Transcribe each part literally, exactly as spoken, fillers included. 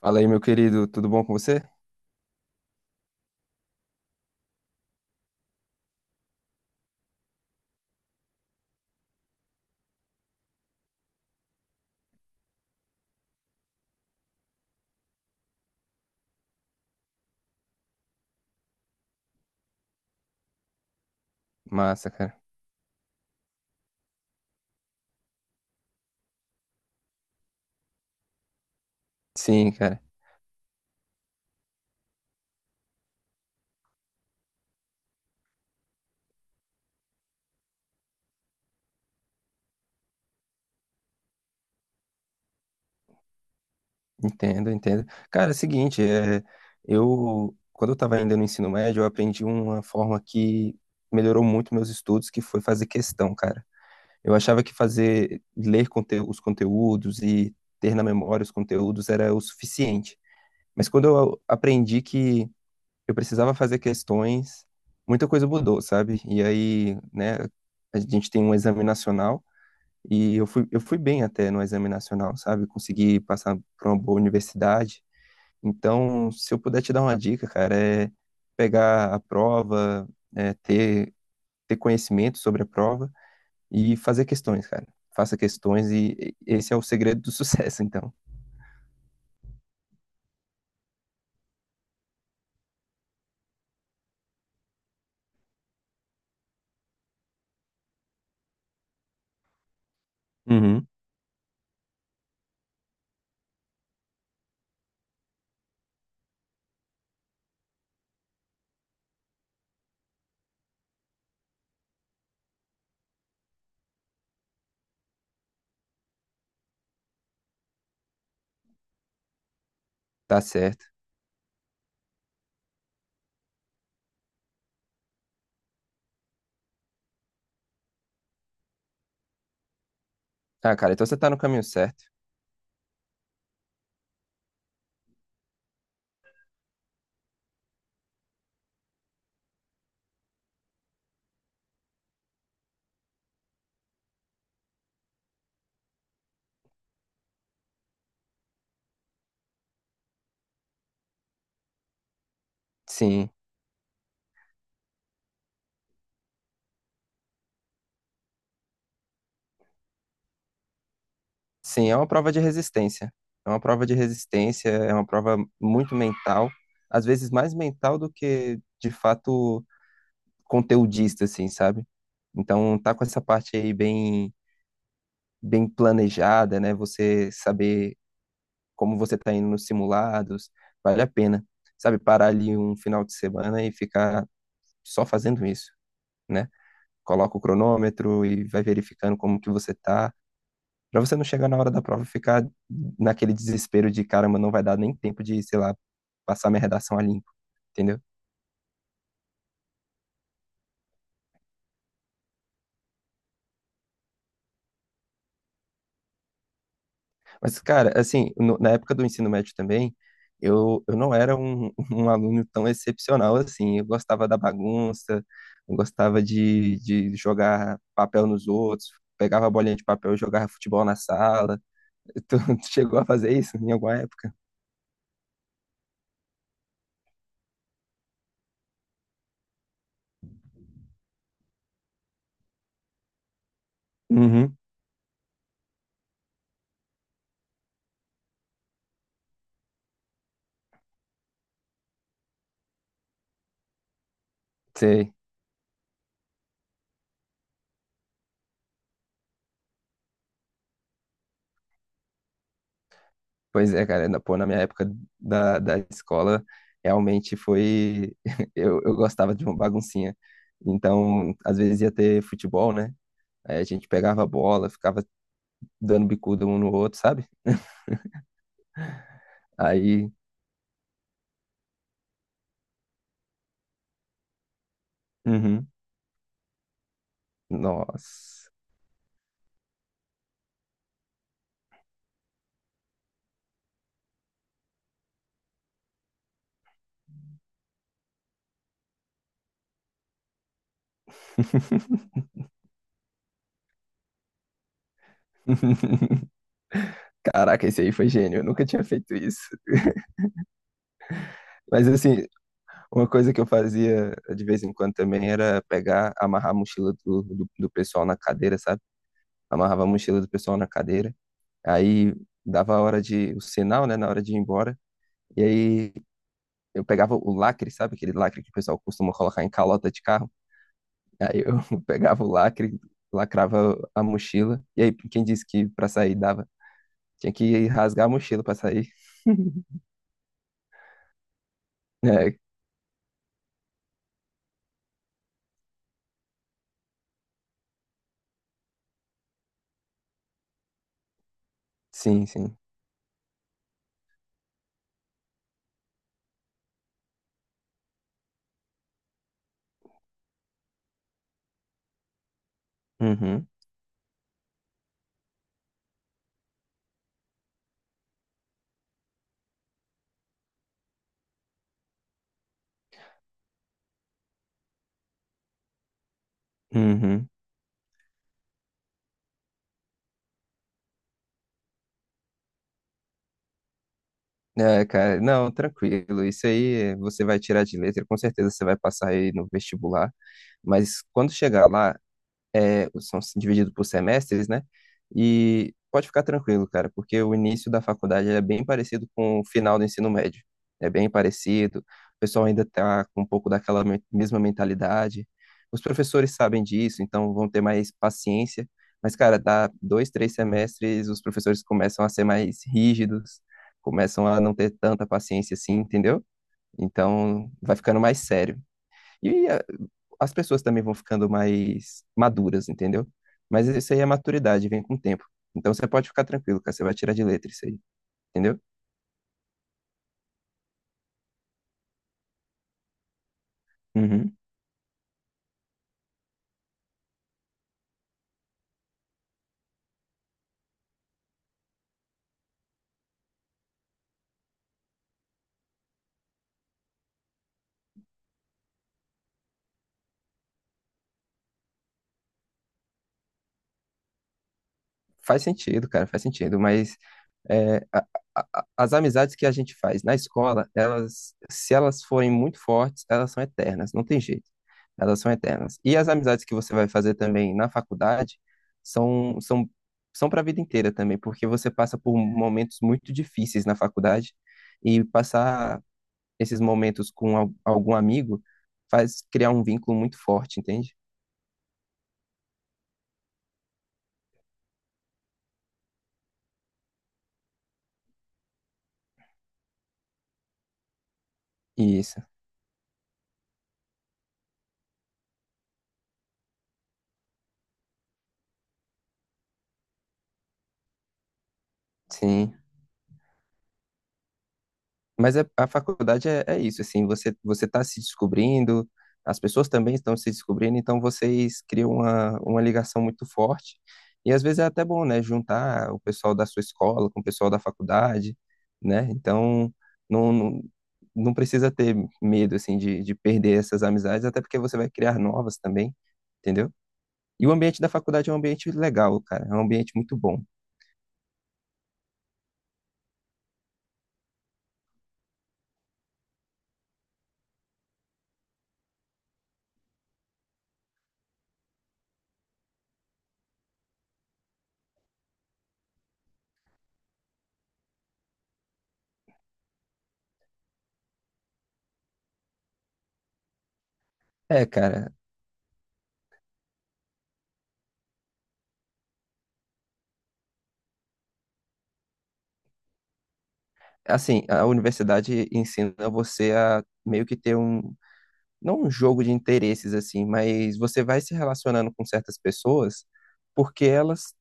Fala aí, meu querido, tudo bom com você? Massa, cara. Sim, cara, entendo, entendo. Cara, é o seguinte, é, eu, quando eu tava ainda no ensino médio, eu aprendi uma forma que melhorou muito meus estudos, que foi fazer questão, cara. Eu achava que fazer, ler conte- os conteúdos e ter na memória os conteúdos era o suficiente. Mas quando eu aprendi que eu precisava fazer questões, muita coisa mudou, sabe? E aí, né, a gente tem um exame nacional. E eu fui, eu fui bem até no exame nacional, sabe? Consegui passar para uma boa universidade. Então, se eu puder te dar uma dica, cara, é pegar a prova, é ter, ter conhecimento sobre a prova e fazer questões, cara. Faça questões e esse é o segredo do sucesso, então. Uhum. Tá certo. Ah, cara, então você tá no caminho certo. Sim, sim, é uma prova de resistência. É uma prova de resistência, é uma prova muito mental, às vezes mais mental do que de fato conteudista, assim, sabe? Então, tá com essa parte aí bem, bem planejada, né? Você saber como você tá indo nos simulados, vale a pena, sabe? Parar ali um final de semana e ficar só fazendo isso, né? Coloca o cronômetro e vai verificando como que você tá, pra você não chegar na hora da prova e ficar naquele desespero de, caramba, não vai dar nem tempo de, sei lá, passar minha redação a limpo, entendeu? Mas, cara, assim, no- na época do ensino médio também, eu, eu não era um um aluno tão excepcional assim. Eu gostava da bagunça, eu gostava de, de jogar papel nos outros, pegava a bolinha de papel e jogava futebol na sala. Tu, tu chegou a fazer isso em alguma época? Uhum, sei. Pois é, cara, na, pô, na minha época da, da escola, realmente foi. Eu, eu gostava de uma baguncinha. Então, às vezes ia ter futebol, né? Aí a gente pegava a bola, ficava dando bicuda um no outro, sabe? Aí, uhum, nossa. Caraca, esse aí foi gênio, eu nunca tinha feito isso. Mas assim, uma coisa que eu fazia de vez em quando também era pegar, amarrar a mochila do, do, do pessoal na cadeira, sabe? Amarrava a mochila do pessoal na cadeira, aí dava a hora de, o sinal, né, na hora de ir embora, e aí eu pegava o lacre, sabe? Aquele lacre que o pessoal costuma colocar em calota de carro. Aí eu pegava o lacre, lacrava a mochila. E aí, quem disse que pra sair dava? Tinha que rasgar a mochila pra sair. É, sim, sim. Uhum, uhum. É, cara, não, tranquilo. Isso aí é, você vai tirar de letra, com certeza você vai passar aí no vestibular. Mas quando chegar lá, é, são divididos por semestres, né? E pode ficar tranquilo, cara, porque o início da faculdade é bem parecido com o final do ensino médio. É bem parecido. O pessoal ainda está com um pouco daquela me- mesma mentalidade. Os professores sabem disso, então vão ter mais paciência. Mas, cara, dá dois, três semestres, os professores começam a ser mais rígidos, começam a não ter tanta paciência assim, entendeu? Então, vai ficando mais sério. E as pessoas também vão ficando mais maduras, entendeu? Mas isso aí é maturidade, vem com o tempo. Então você pode ficar tranquilo, cara, você vai tirar de letra isso aí, entendeu? Uhum. Faz sentido, cara, faz sentido, mas é, a- a- a- as amizades que a gente faz na escola, elas, se elas forem muito fortes, elas são eternas, não tem jeito. Elas são eternas. E as amizades que você vai fazer também na faculdade são, são, são para a vida inteira também, porque você passa por momentos muito difíceis na faculdade e passar esses momentos com al- algum amigo faz criar um vínculo muito forte, entende? Isso, sim. Mas é- a faculdade é, é isso, assim, você você está se descobrindo, as pessoas também estão se descobrindo, então vocês criam uma, uma ligação muito forte. E às vezes é até bom, né, juntar o pessoal da sua escola com o pessoal da faculdade, né? Então, não, não, não precisa ter medo, assim, de, de perder essas amizades, até porque você vai criar novas também, entendeu? E o ambiente da faculdade é um ambiente legal, cara. É um ambiente muito bom. É, cara. Assim, a universidade ensina você a meio que ter um, não um jogo de interesses, assim, mas você vai se relacionando com certas pessoas porque elas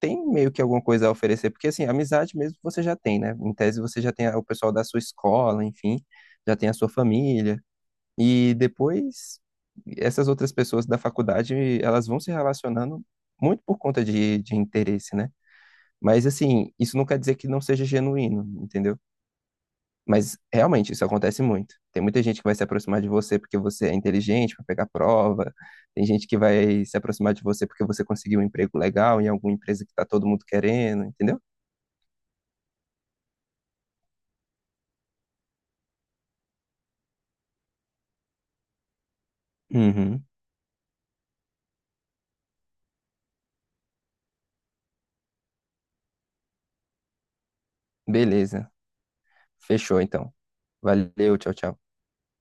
têm meio que alguma coisa a oferecer. Porque, assim, amizade mesmo você já tem, né? Em tese você já tem o pessoal da sua escola, enfim, já tem a sua família. E depois, essas outras pessoas da faculdade, elas vão se relacionando muito por conta de, de interesse, né? Mas assim, isso não quer dizer que não seja genuíno, entendeu? Mas realmente isso acontece muito. Tem muita gente que vai se aproximar de você porque você é inteligente para pegar prova. Tem gente que vai se aproximar de você porque você conseguiu um emprego legal em alguma empresa que tá todo mundo querendo, entendeu? Uhum. Beleza. Fechou então. Valeu, tchau, tchau.